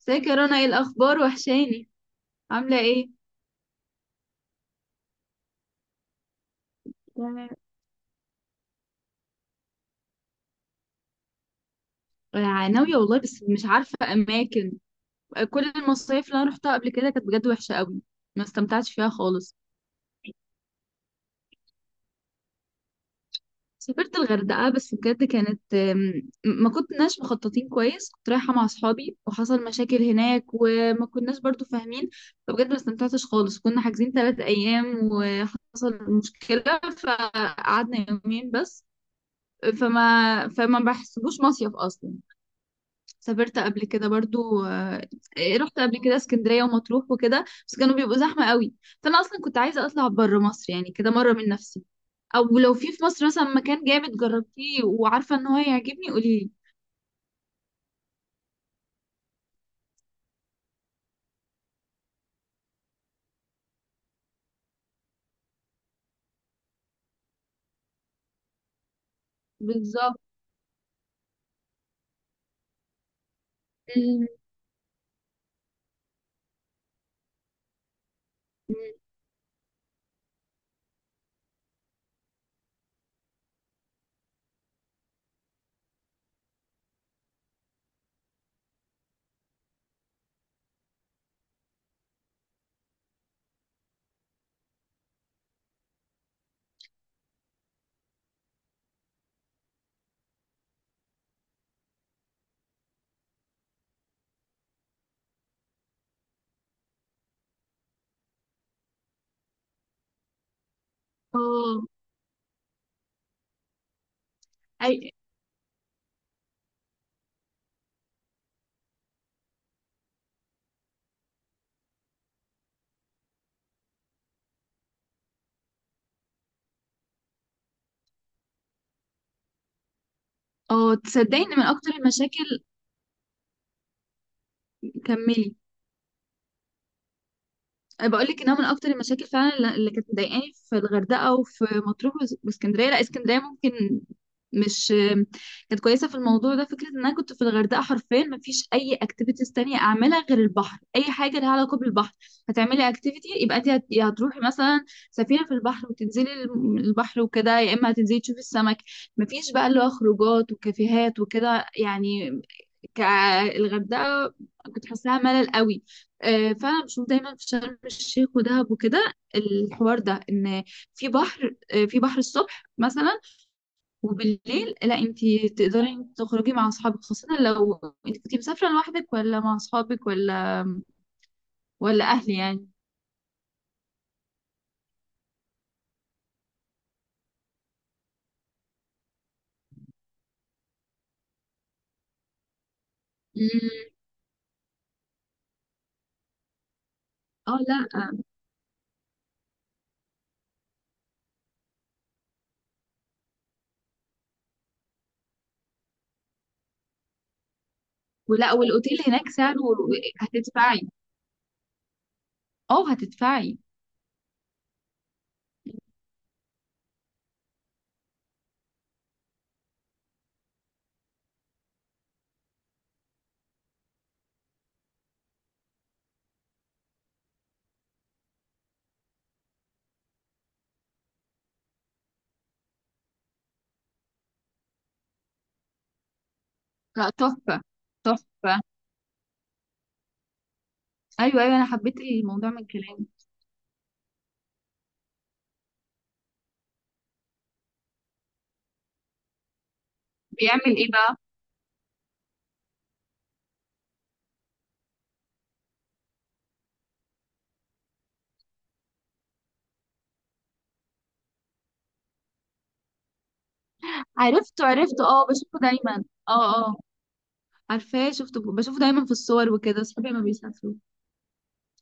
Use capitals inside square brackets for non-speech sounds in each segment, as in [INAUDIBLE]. ازيك يا رنا؟ ايه الاخبار؟ وحشاني، عامله ايه؟ تمام. آه، ناويه والله بس مش عارفه اماكن. آه، كل المصايف اللي انا روحتها قبل كده كانت بجد وحشه قوي، ما استمتعتش فيها خالص. سافرت الغردقه بس بجد كانت، ما كناش مخططين كويس، كنت رايحه مع اصحابي وحصل مشاكل هناك وما كناش برضو فاهمين. فبجد ما استمتعتش خالص، كنا حاجزين 3 ايام وحصل مشكله فقعدنا يومين بس. فما بحسبوش مصيف اصلا. سافرت قبل كده برضو. رحت قبل كده اسكندرية ومطروح وكده بس كانوا بيبقوا زحمة قوي. فأنا أصلا كنت عايزة أطلع بره مصر يعني كده مرة من نفسي، أو لو في مصر مثلا مكان جامد جربتيه وعارفة إن هو هيعجبني قوليلي. بالظبط. ال- اه. أي- اه، تصدقي إن من أكتر المشاكل. كملي، انا بقول لك انها من اكتر المشاكل فعلا، اللي كانت مضايقاني في الغردقه وفي مطروح واسكندريه. لا، اسكندريه ممكن مش كانت كويسه في الموضوع ده. فكره ان انا كنت في الغردقه حرفيا ما فيش اي اكتيفيتيز تانية اعملها غير البحر، اي حاجه لها علاقه بالبحر. هتعملي اكتيفيتي يبقى انت يا هتروحي مثلا سفينه في البحر وتنزلي البحر وكده، يا اما هتنزلي تشوفي السمك. ما فيش بقى اللي هو خروجات وكافيهات وكده يعني، كالغردقه. كنت حاساها ملل قوي. فانا بشوف دايما في شرم الشيخ ودهب وكده الحوار ده، ان في بحر، في بحر الصبح مثلا، وبالليل لا انت تقدري إنت تخرجي مع اصحابك، خاصة لو انت كنتي مسافرة لوحدك ولا مع اصحابك ولا اهلي يعني. مم. اه لا. ولا والاوتيل هناك سعره، هتدفعي. اه، هتدفعي. لا، تحفة تحفة. ايوه ايوه، انا حبيت الموضوع من كلامك. بيعمل ايه بقى؟ عرفته عرفته، اه، بشوفه دايما. اه اه. عارفاه، شفته، بشوفه دايما في الصور وكده صحابي ما بيسافروا.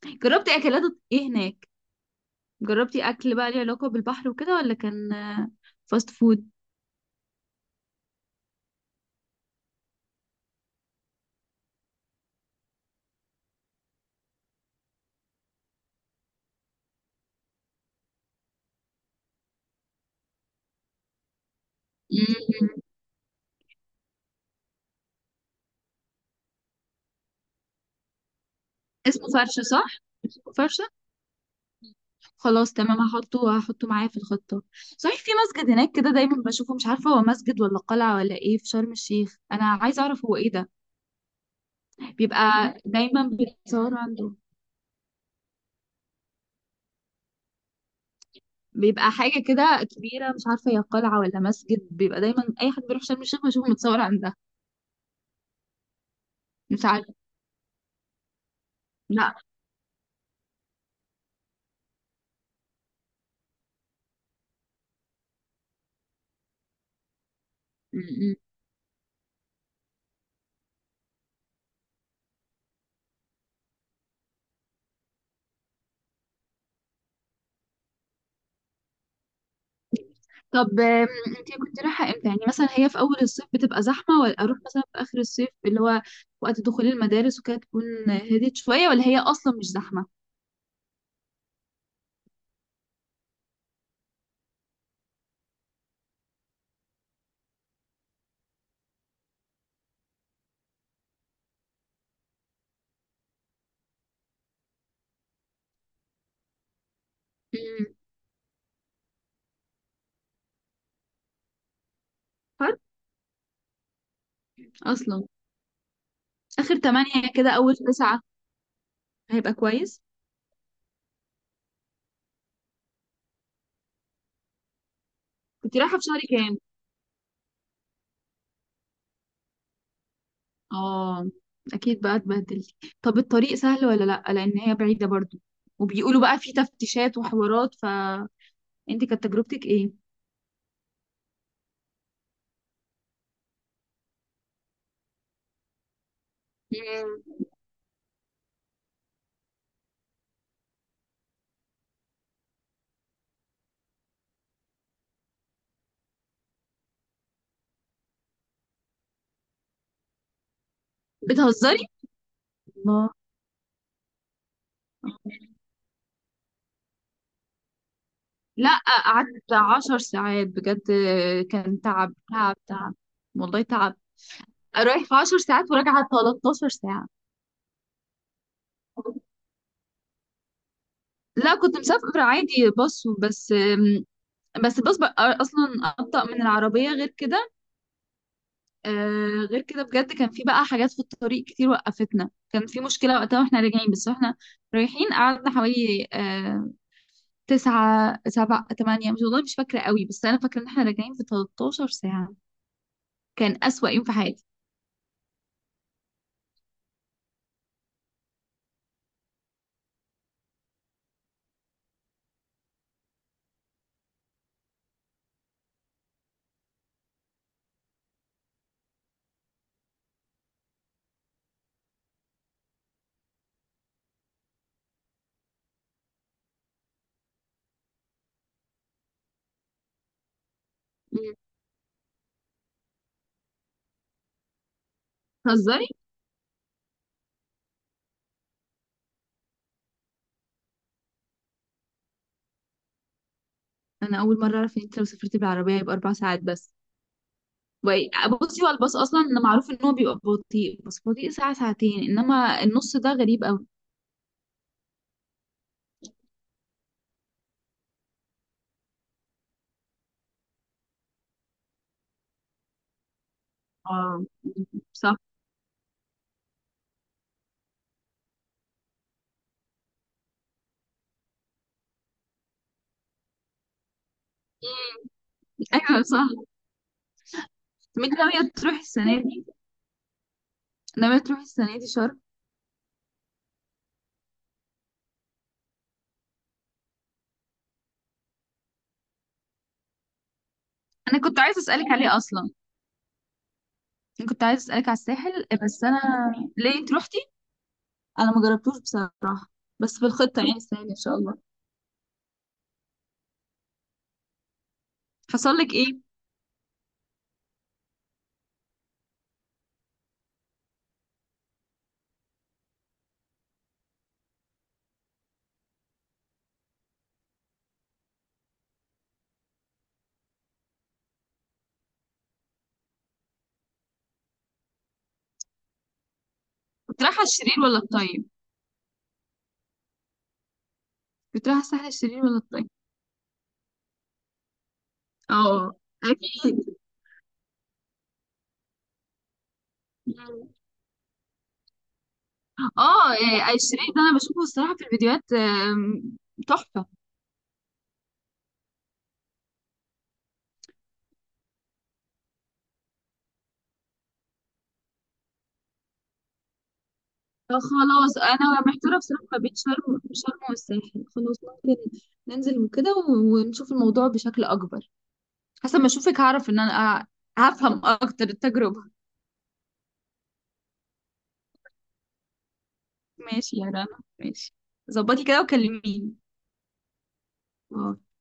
جربتي اكلات ايه هناك؟ جربتي اكل بقى ليه علاقة بالبحر وكده، ولا كان فاست فود؟ مم. اسمه فرشة صح؟ فرشة. خلاص تمام، هحطه هحطه معايا في الخطة. صحيح، في مسجد هناك كده دايما بشوفه، مش عارفة هو مسجد ولا قلعة ولا ايه، في شرم الشيخ، انا عايزة اعرف هو ايه ده. بيبقى دايما بيتصور عنده. بيبقى حاجة كده كبيرة، مش عارفة هي قلعة ولا مسجد، بيبقى دايما أي حد بيروح شرم الشيخ بشوفه متصور عندها. مش عارفة. لا. م- م. طب، انتي كنت رايحة امتى؟ يعني مثلا هي في اول الصيف بتبقى زحمة، ولا اروح مثلا في اخر الصيف اللي هو وقت دخول المدارس وكده تكون هديت شوية، ولا هي اصلا مش زحمة؟ امم فرق اصلا. اخر تمانية كده اول تسعة هيبقى كويس. كنت رايحة في شهر كام؟ اه، اكيد بقى اتبهدلت. طب الطريق سهل ولا لا؟ لان هي بعيدة برضو، وبيقولوا بقى في تفتيشات وحوارات، فانتي كانت تجربتك ايه؟ مم. بتهزري؟ الله. لا، قعدت 10 ساعات بجد، كان تعب تعب تعب، والله تعب. رايح في 10 ساعات وراجعة 13 ساعة. لا، كنت مسافرة عادي باص، بس بس الباص بقى أصلا أبطأ من العربية غير كده. غير كده بجد كان في بقى حاجات في الطريق كتير وقفتنا، كان في مشكلة وقتها واحنا راجعين، بس واحنا رايحين قعدنا حوالي تسعة سبعة تمانية، مش والله مش فاكرة قوي، بس أنا فاكرة إن احنا راجعين في 13 ساعة. كان أسوأ يوم في حياتي. مم. انا اول مره اعرف ان انت لو سافرت بالعربيه يبقى 4 ساعات بس. وي- بصي هو الباص اصلا إن معروف ان هو بيبقى بطيء، بس بطيء ساعه ساعتين، انما النص ده غريب قوي. اه، صح. [LAUGHS] ايوه صح. طب انت ناويه تروحي السنه دي؟ ناويه تروحي السنه دي شرم؟ انا كنت عايزه اسالك عليه اصلا. انا كنت عايزه اسالك على الساحل، بس انا، ليه انت روحتي؟ انا ما جربتوش بصراحه، بس في الخطه يعني السنه دي ان شاء الله. حصل لك ايه؟ كنت رايحه الشرير ولا الطيب؟ كنت رايحه الساحل الشرير ولا الطيب؟ اه، اكيد. [LAUGHS] اه، يعني الشريط ده انا بشوفه الصراحه في الفيديوهات، تحفه. فخلاص انا محتاره بصراحه ما بين شرم شرم والساحل. خلاص ممكن ننزل وكده ونشوف الموضوع بشكل اكبر، حسب ما اشوفك هعرف ان انا هفهم اكتر التجربه. ماشي يا رنا. ماشي، ظبطي كده وكلميني. آه،